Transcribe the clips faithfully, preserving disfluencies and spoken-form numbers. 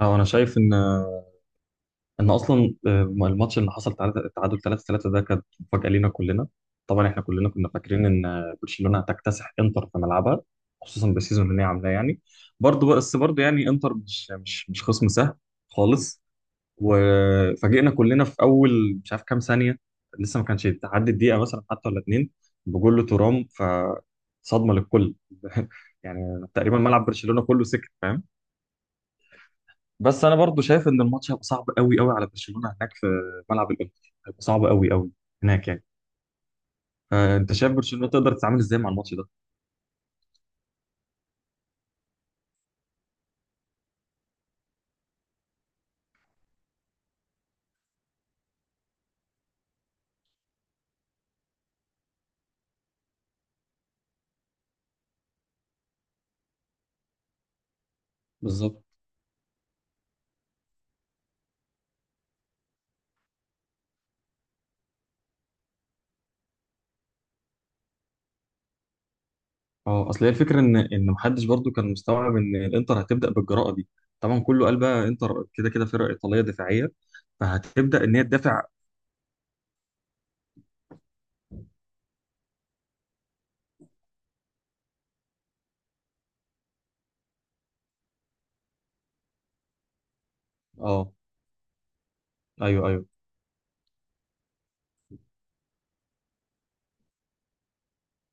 اه انا شايف ان ان اصلا آه، الماتش اللي حصل تعادل تعادل ثلاثة ثلاثة ده كانت مفاجاه لينا كلنا. طبعا احنا كلنا كنا فاكرين ان آه، برشلونه هتكتسح انتر في ملعبها، خصوصا بالسيزون اللي هي عاملاه يعني. برضه بس برضه يعني انتر مش مش مش خصم سهل خالص. وفاجئنا كلنا في اول مش عارف كام ثانيه، لسه ما كانش تعدي الدقيقه مثلا حتى ولا اتنين بجول ترام، فصدمه للكل يعني تقريبا ملعب برشلونه كله سكت، فاهم؟ بس انا برضو شايف ان الماتش هيبقى صعب قوي قوي على برشلونه هناك، في ملعب الانتر هيبقى صعب قوي قوي هناك يعني. فانت شايف برشلونه تقدر تتعامل ازاي مع الماتش ده؟ بالظبط. اه، اصل هي الفكره ان ان محدش برضو كان مستوعب ان الانتر هتبدا بالجراءه دي. طبعا كله قال بقى انتر كده كده فرقه ايطاليه دفاعيه، فهتبدا ان هي تدافع. اه. ايوه، ايوه،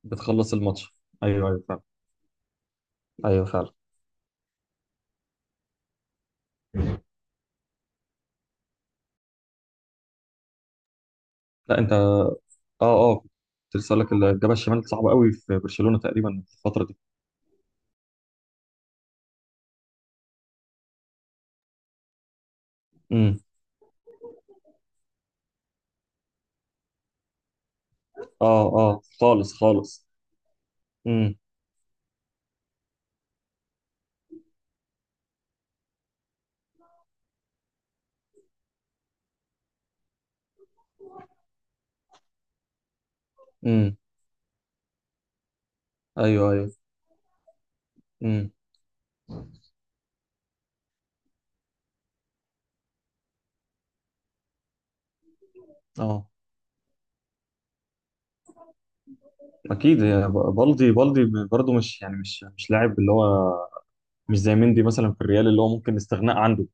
بتخلص الماتش. ايوه ايوه فعلا. ايوه فعلا. لا انت اه. اه، كنت لسه اقول لك الجبهه الشمال صعبه قوي في برشلونه تقريبا في الفتره دي. امم. اه، اه خالص خالص. امم. ايوه ايوه. امم. اه. اكيد يا ب- بالدي. بالدي ب- برضه مش يعني مش مش لاعب اللي هو مش زي مندي مثلا في الريال، اللي هو ممكن استغناء عنده.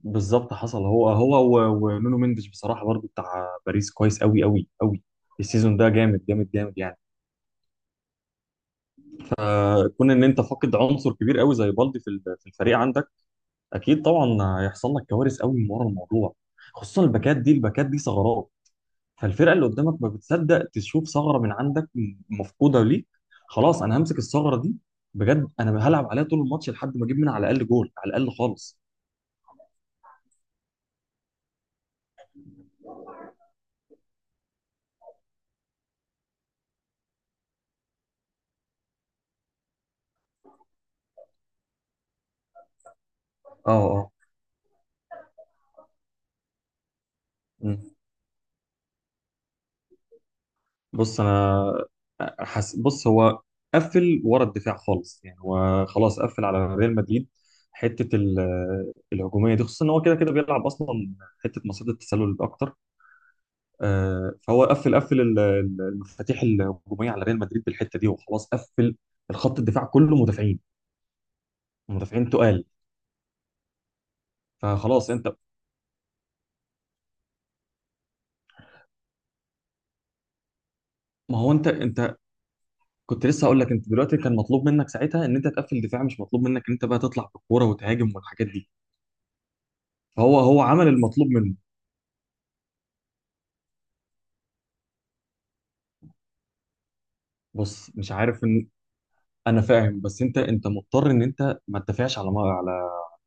بالظبط. حصل، هو هو و- ونونو مندش بصراحه برضه بتاع باريس كويس قوي قوي قوي. السيزون ده جامد جامد جامد يعني. كون ان انت فاقد عنصر كبير قوي زي بالدي في ال- في الفريق عندك، اكيد طبعا هيحصل لك كوارث قوي من ورا الموضوع. خصوصا الباكات دي، الباكات دي ثغرات. فالفرقه اللي قدامك ما بتصدق تشوف ثغره من عندك م- مفقوده ليك، خلاص انا همسك الثغره دي، بجد انا هلعب عليها طول الماتش لحد ما اجيب منها على الاقل جول، على الاقل خالص. اه. اه. مم. بص انا حس... بص هو قفل ورا الدفاع خالص يعني، هو خلاص قفل على ريال مدريد. حته ال- الهجوميه دي، خصوصا ان هو كده كده بيلعب اصلا حته مصيده التسلل اكتر. آه، فهو قفل قفل ال- ال- المفاتيح الهجوميه على ريال مدريد بالحته دي، وخلاص قفل الخط الدفاع كله مدافعين، مدافعين تقال. فخلاص انت. ما هو انت انت، كنت لسه هقول لك انت دلوقتي كان مطلوب منك ساعتها ان انت تقفل دفاع، مش مطلوب منك ان انت بقى تطلع بالكوره وتهاجم والحاجات دي. فهو هو عمل المطلوب منه. بص مش عارف ان، انا فاهم بس انت انت مضطر ان انت ما تدافعش على ما- على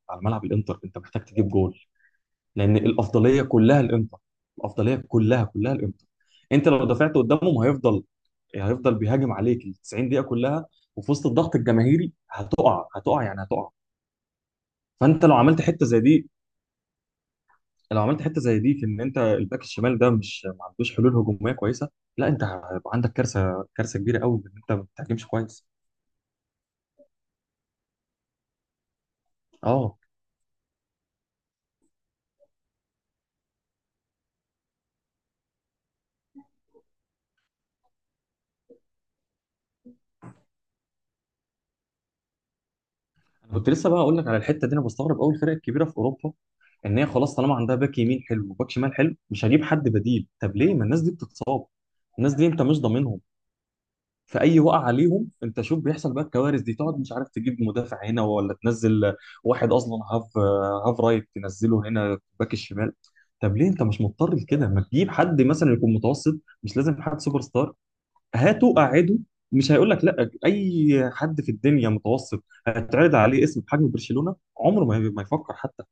على ملعب الانتر، انت محتاج تجيب جول لان الافضليه كلها الانتر، الافضليه كلها كلها الانتر. انت لو دافعت قدامهم هيفضل هيفضل بيهاجم عليك ال 90 دقيقه كلها، وفي وسط الضغط الجماهيري هتقع هتقع يعني هتقع. فانت لو عملت حته زي دي، لو عملت حته زي دي في ان انت الباك الشمال ده مش ما عندوش حلول هجوميه كويسه، لا انت هيبقى عندك كارثه، كارثه كبيره قوي ان انت ما بتهاجمش كويس. اه. انا كنت لسه بقى اقول لك على الحته دي، انا بستغرب قوي الفرق الكبيره في اوروبا ان هي خلاص طالما عندها باك يمين حلو وباك شمال حلو مش هجيب حد بديل. طب ليه؟ ما الناس دي بتتصاب، الناس دي انت مش ضامنهم في اي وقع عليهم. انت شوف بيحصل بقى الكوارث دي، تقعد مش عارف تجيب مدافع، هنا ولا تنزل واحد اصلا هاف، هاف رايت تنزله هنا باك الشمال. طب ليه انت مش مضطر لكده؟ ما تجيب حد مثلا يكون متوسط، مش لازم حد سوبر ستار. هاته قعده، مش هيقول لك لا. اي حد في الدنيا متوسط هتعرض عليه اسم بحجم برشلونة، عمره ما ما يفكر حتى،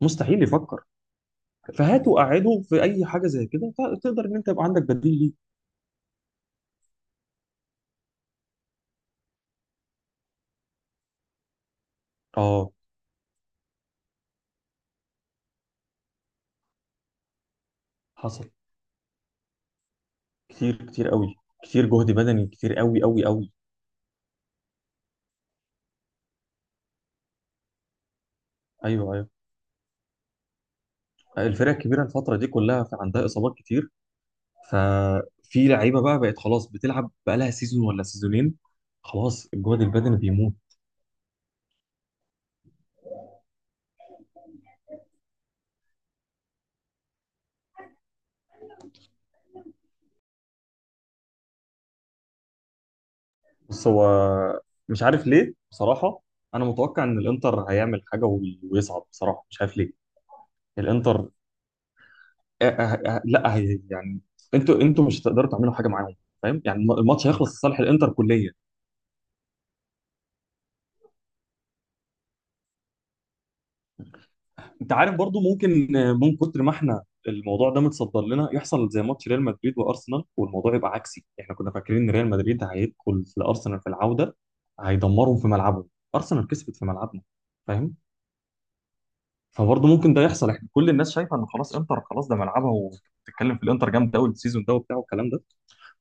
مستحيل يفكر. فهاته قعده في اي حاجه زي كده، ت- تقدر ان انت يبقى عندك بديل ليه. اه. حصل كتير كتير قوي، كتير جهد بدني كتير قوي قوي قوي. ايوه ايوه. الفرق الكبيره الفتره دي كلها في عندها اصابات كتير. ففي لعيبه بقى بقت خلاص بتلعب بقى لها سيزون ولا سيزونين، خلاص الجهد البدني بيموت. بص هو مش عارف ليه بصراحه، انا متوقع ان الانتر هيعمل حاجه وي- ويصعد، بصراحه مش عارف ليه. الانتر. أه أه أه لا هي يعني، انتوا انتوا مش هتقدروا تعملوا حاجه معاهم، فاهم؟ يعني الم- الماتش هيخلص لصالح الانتر كليا. انت عارف برضو ممكن، من كتر ما احنا الموضوع ده متصدر لنا يحصل زي ماتش ريال مدريد وارسنال، والموضوع يبقى عكسي. احنا كنا فاكرين ان ريال مدريد هيدخل في ارسنال في العوده هيدمرهم في ملعبهم، ارسنال كسبت في ملعبنا، فاهم؟ فبرضه ممكن ده يحصل. احنا كل الناس شايفه ان خلاص انتر خلاص ده ملعبها، وبتتكلم في الانتر جامد قوي السيزون ده وبتاع والكلام ده.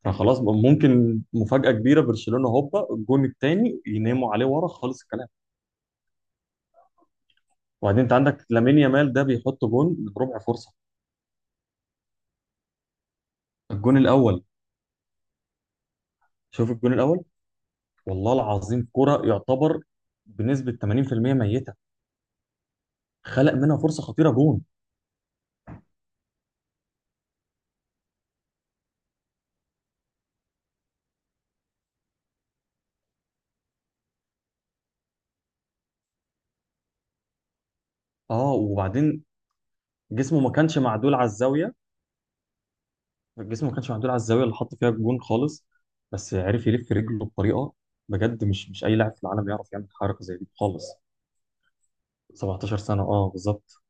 فخلاص بقى ممكن مفاجاه كبيره، برشلونه هوبا، الجون الثاني يناموا عليه ورا خالص الكلام. وبعدين انت عندك لامين يامال ده بيحط جون من ربع فرصه. الجون الاول، شوف الجون الاول، والله العظيم كرة يعتبر بنسبة ثمانين في المية ميتة، خلق منها فرصة خطيرة جون. اه وبعدين، جسمه ما كانش معدول على الزاوية، جسمه ما كانش معدول على الزاوية اللي حط فيها الجون خالص. بس عرف يلف رجله بطريقة، بجد مش مش أي لاعب في العالم يعرف يعمل حركة زي دي خالص. سبعة عشر سنة اه، بالظبط.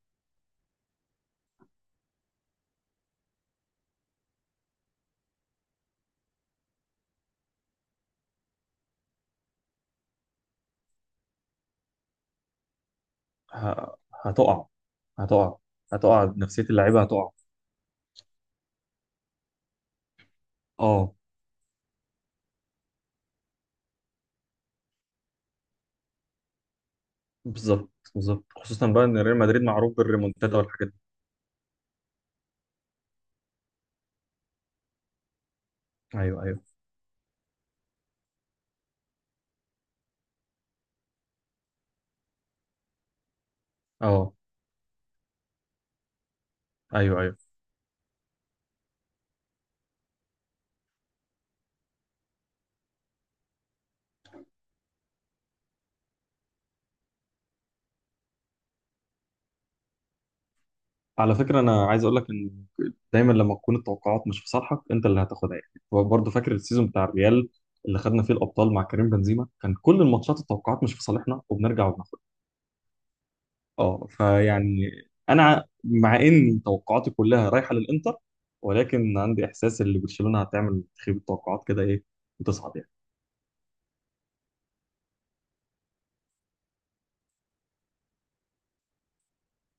ه- هتقع. هتقع هتقع نفسية اللعيبة، هتقع. اه بالظبط، بالظبط، خصوصا بقى ان ريال مدريد معروف بالريمونتادا والحاجات دي. ايوه ايوه. اه. ايوه ايوه. على فكرة أنا عايز أقول لك إن دايما لما تكون التوقعات مش في صالحك أنت اللي هتاخدها، يعني هو برضه فاكر السيزون بتاع الريال اللي خدنا فيه الأبطال مع كريم بنزيما، كان كل الماتشات التوقعات مش في صالحنا وبنرجع وبناخدها. أه فيعني، أنا مع إن توقعاتي كلها رايحة للإنتر، ولكن عندي إحساس إن برشلونة هتعمل تخيب التوقعات كده إيه، وتصعد يعني.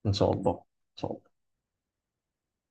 إن شاء الله إن شاء الله.